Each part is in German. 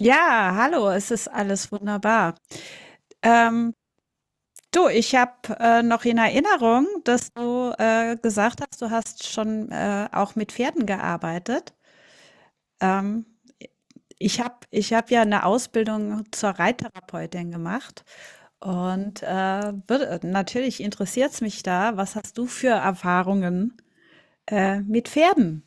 Ja, hallo, es ist alles wunderbar. Ähm, Du, ich habe noch in Erinnerung, dass du gesagt hast, du hast schon auch mit Pferden gearbeitet. Ähm, ich hab ja eine Ausbildung zur Reittherapeutin gemacht, und natürlich interessiert es mich da, was hast du für Erfahrungen mit Pferden?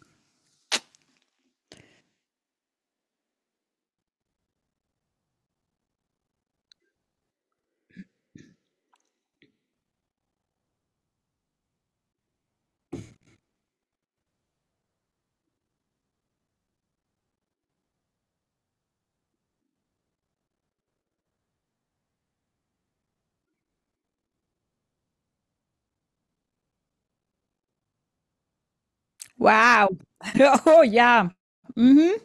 Wow. Oh ja. Mhm.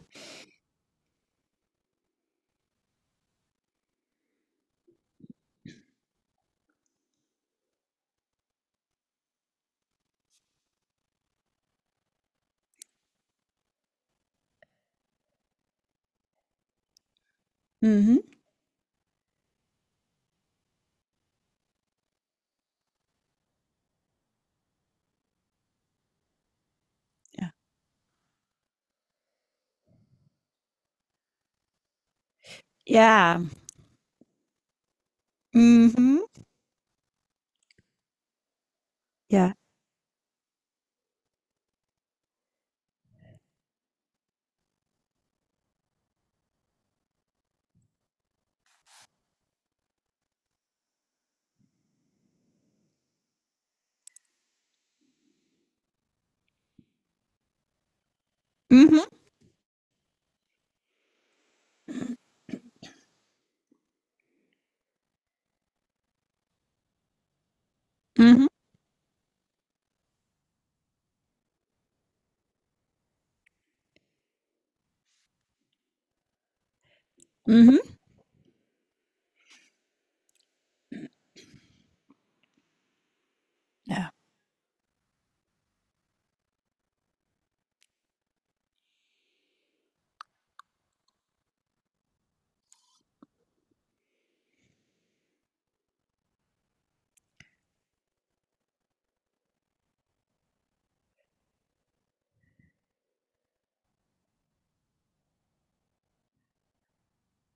Mhm. Ja. Ja. Mhm. Ja. Mhm, mhm, mhm. Ja.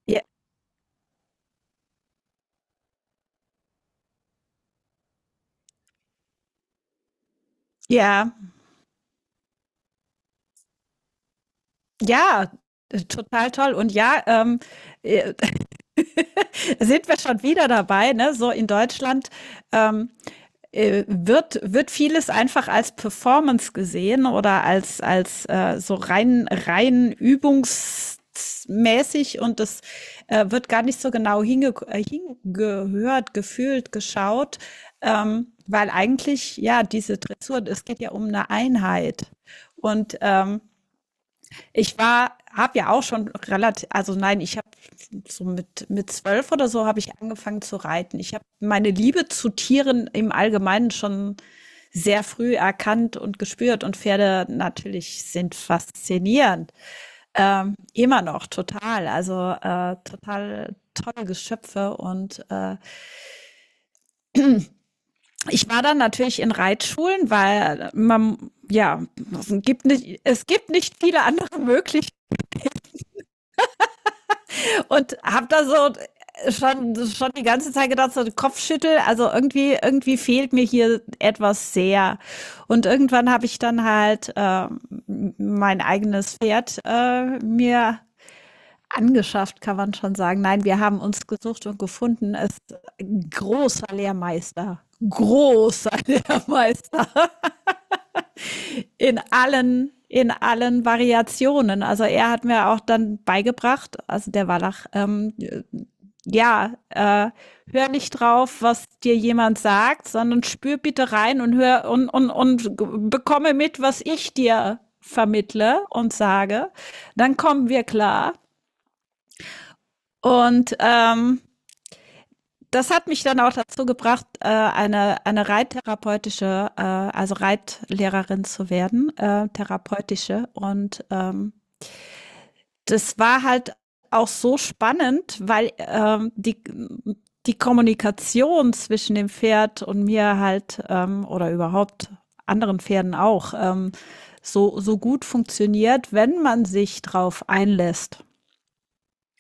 J ja, ja, total toll. Und ja, äh, sind wir schon wieder dabei, ne? So in Deutschland, ähm, wird vieles einfach als Performance gesehen oder als so rein übungsmäßig, und das wird gar nicht so genau hingehört, gefühlt, geschaut, weil eigentlich, ja, diese Dressur, es geht ja um eine Einheit. Und ich war, habe ja auch schon relativ, also nein, ich habe so mit 12 oder so habe ich angefangen zu reiten. Ich habe meine Liebe zu Tieren im Allgemeinen schon sehr früh erkannt und gespürt, und Pferde natürlich sind faszinierend, immer noch total, total tolle Geschöpfe, und ich war dann natürlich in Reitschulen, weil man ja es gibt nicht viele andere Möglichkeiten. Und hab da so schon die ganze Zeit gedacht, so Kopfschüttel, also irgendwie fehlt mir hier etwas sehr. Und irgendwann habe ich dann halt mein eigenes Pferd mir angeschafft, kann man schon sagen. Nein, wir haben uns gesucht und gefunden. Es ist ein großer Lehrmeister. Großer Lehrmeister in in allen Variationen. Also er hat mir auch dann beigebracht, also der Wallach, ja, äh, hör nicht drauf, was dir jemand sagt, sondern spür bitte rein und hör und bekomme mit, was ich dir vermittle und sage. Dann kommen wir klar. Und das hat mich dann auch dazu gebracht, eine reittherapeutische, also Reitlehrerin zu werden, therapeutische. Und das war halt auch so spannend, weil die Kommunikation zwischen dem Pferd und mir halt oder überhaupt anderen Pferden auch so gut funktioniert, wenn man sich drauf einlässt.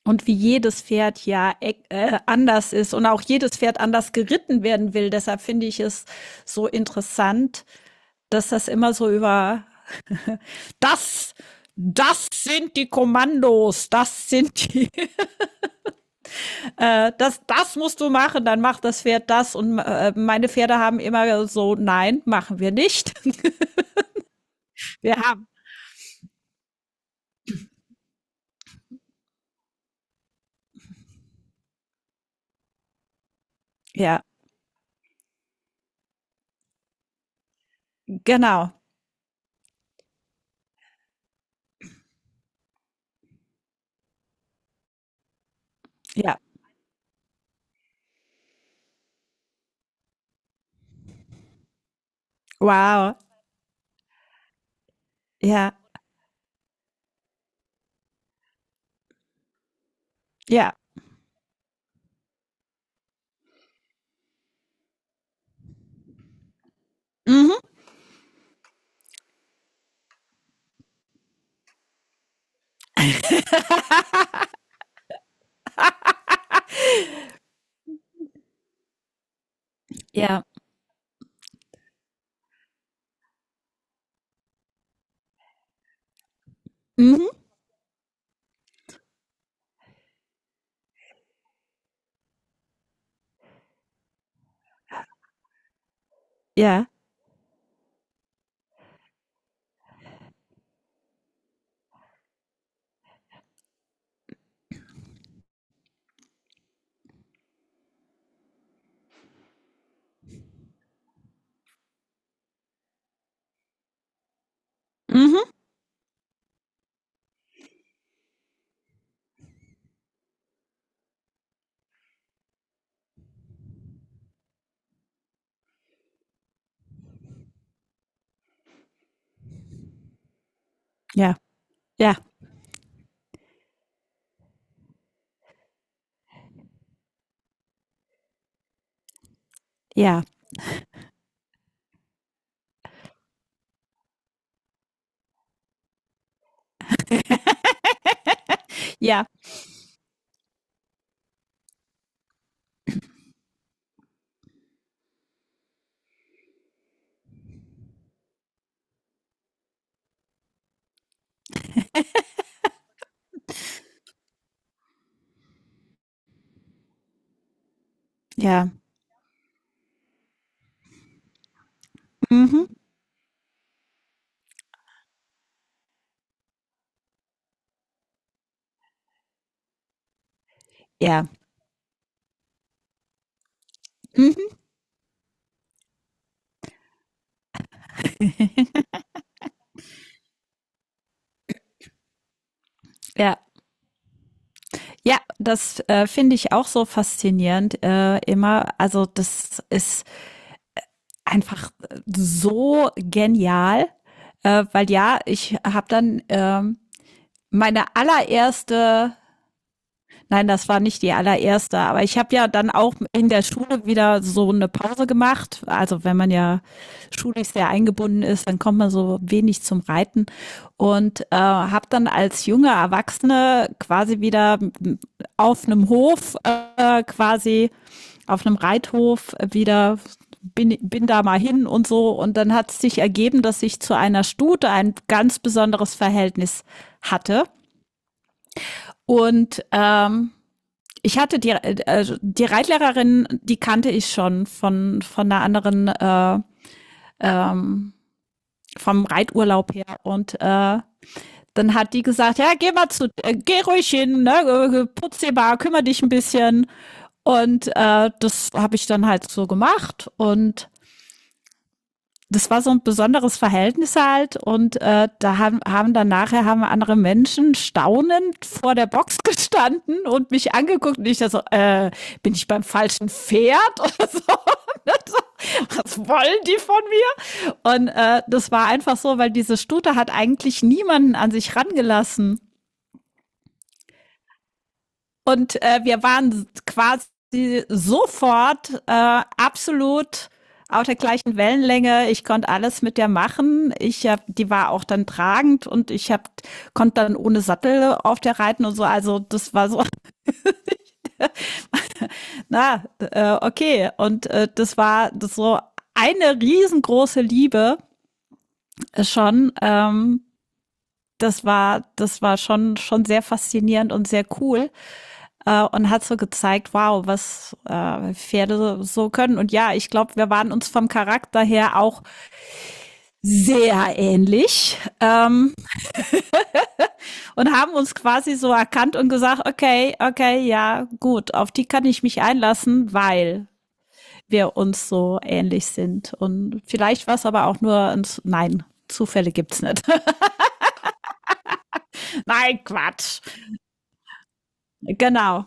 Und wie jedes Pferd ja anders ist und auch jedes Pferd anders geritten werden will. Deshalb finde ich es so interessant, dass das immer so über das, das sind die Kommandos, das sind die, das musst du machen, dann macht das Pferd das. Und meine Pferde haben immer so, nein, machen wir nicht. Wir haben. Ja, genau. Ja. Wow. Ja. Ja. Mhm. Ja. Mhm. Ja. Mhm. Ja. Ja. Ja. Ja, ja. Mhm. Ja. Mhm. Ja. Ja, das finde ich auch so faszinierend immer. Also das ist einfach so genial, weil ja, ich habe dann meine allererste. Nein, das war nicht die allererste, aber ich habe ja dann auch in der Schule wieder so eine Pause gemacht. Also wenn man ja schulisch sehr eingebunden ist, dann kommt man so wenig zum Reiten, und habe dann als junge Erwachsene quasi wieder auf einem Hof, quasi auf einem Reithof wieder bin da mal hin und so. Und dann hat es sich ergeben, dass ich zu einer Stute ein ganz besonderes Verhältnis hatte, und ich hatte die, also die Reitlehrerin, die kannte ich schon von einer anderen, ähm, vom Reiturlaub her. Und dann hat die gesagt, ja, geh ruhig hin, ne, putz dir mal, kümmere dich ein bisschen. Und das habe ich dann halt so gemacht. Und das war so ein besonderes Verhältnis halt, und haben dann nachher haben andere Menschen staunend vor der Box gestanden und mich angeguckt, und ich da so, bin ich beim falschen Pferd oder so? Was wollen die von mir? Und das war einfach so, weil diese Stute hat eigentlich niemanden an sich rangelassen. Und wir waren quasi sofort absolut auf der gleichen Wellenlänge. Ich konnte alles mit der machen. Die war auch dann tragend, und konnte dann ohne Sattel auf der reiten und so. Also das war so, na, okay. Und das war das so eine riesengroße Liebe schon. Das war schon, schon sehr faszinierend und sehr cool. Und hat so gezeigt, wow, was Pferde so können. Und ja, ich glaube, wir waren uns vom Charakter her auch sehr ähnlich, und haben uns quasi so erkannt und gesagt, okay, okay, ja, gut, auf die kann ich mich einlassen, weil wir uns so ähnlich sind. Und vielleicht war es aber auch nur ein, nein, Zufälle gibt's nicht. Nein, Quatsch. Genau.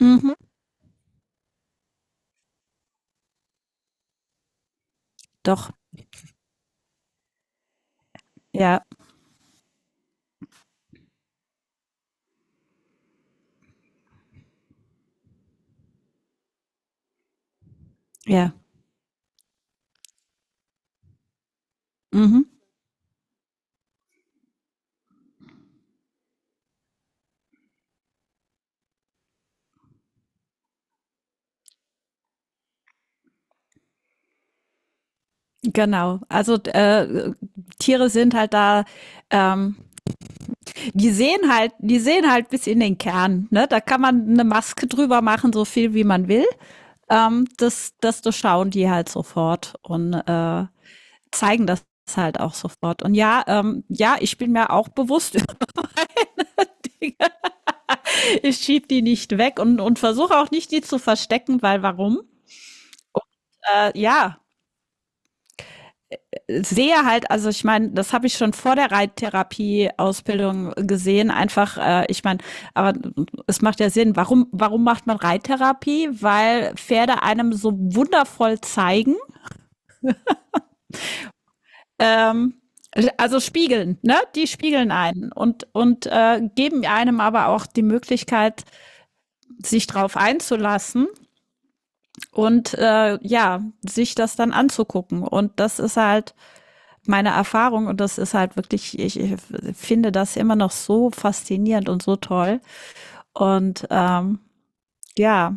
Mhm. Doch, ja, ja. Mhm. Genau, also Tiere sind halt da, ähm, die sehen halt bis in den Kern. Ne? Da kann man eine Maske drüber machen, so viel wie man will. Das durchschauen die halt sofort, und zeigen das halt auch sofort. Und ja, ja, ich bin mir auch bewusst über Dinge. Ich schieb die nicht weg, und versuche auch nicht, die zu verstecken, weil warum? Ja, sehe halt, also ich meine, das habe ich schon vor der Reittherapie-Ausbildung gesehen, einfach, ich meine, aber es macht ja Sinn, warum macht man Reittherapie? Weil Pferde einem so wundervoll zeigen, ähm, also spiegeln, ne? Die spiegeln einen, und geben einem aber auch die Möglichkeit, sich drauf einzulassen, und ja, sich das dann anzugucken. Und das ist halt meine Erfahrung, und das ist halt wirklich, ich finde das immer noch so faszinierend und so toll. Und ja,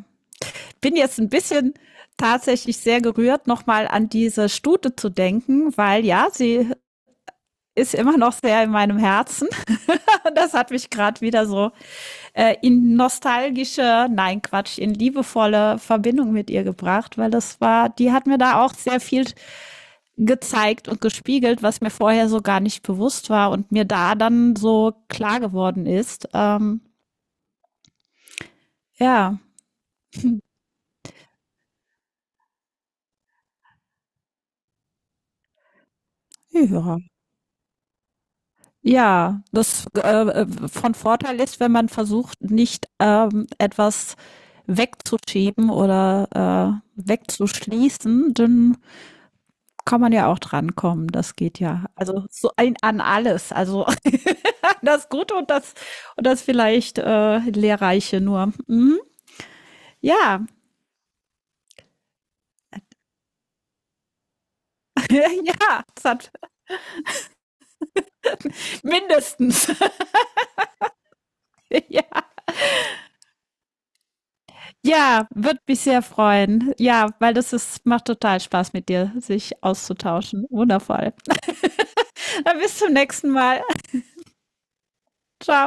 ich bin jetzt ein bisschen tatsächlich sehr gerührt, nochmal an diese Stute zu denken, weil ja, sie ist immer noch sehr in meinem Herzen. Das hat mich gerade wieder so in nostalgische, nein Quatsch, in liebevolle Verbindung mit ihr gebracht, weil das war, die hat mir da auch sehr viel gezeigt und gespiegelt, was mir vorher so gar nicht bewusst war und mir da dann so klar geworden ist. Ja. Ja. Ja, das von Vorteil ist, wenn man versucht, nicht etwas wegzuschieben oder wegzuschließen, dann kann man ja auch drankommen, das geht ja. Also so ein, an alles, also das Gute und das vielleicht Lehrreiche nur. Mhm. Ja, ja, das hat mindestens. Ja. Ja, wird mich sehr freuen. Ja, weil das ist, macht total Spaß mit dir, sich auszutauschen. Wundervoll. Dann bis zum nächsten Mal. Ciao.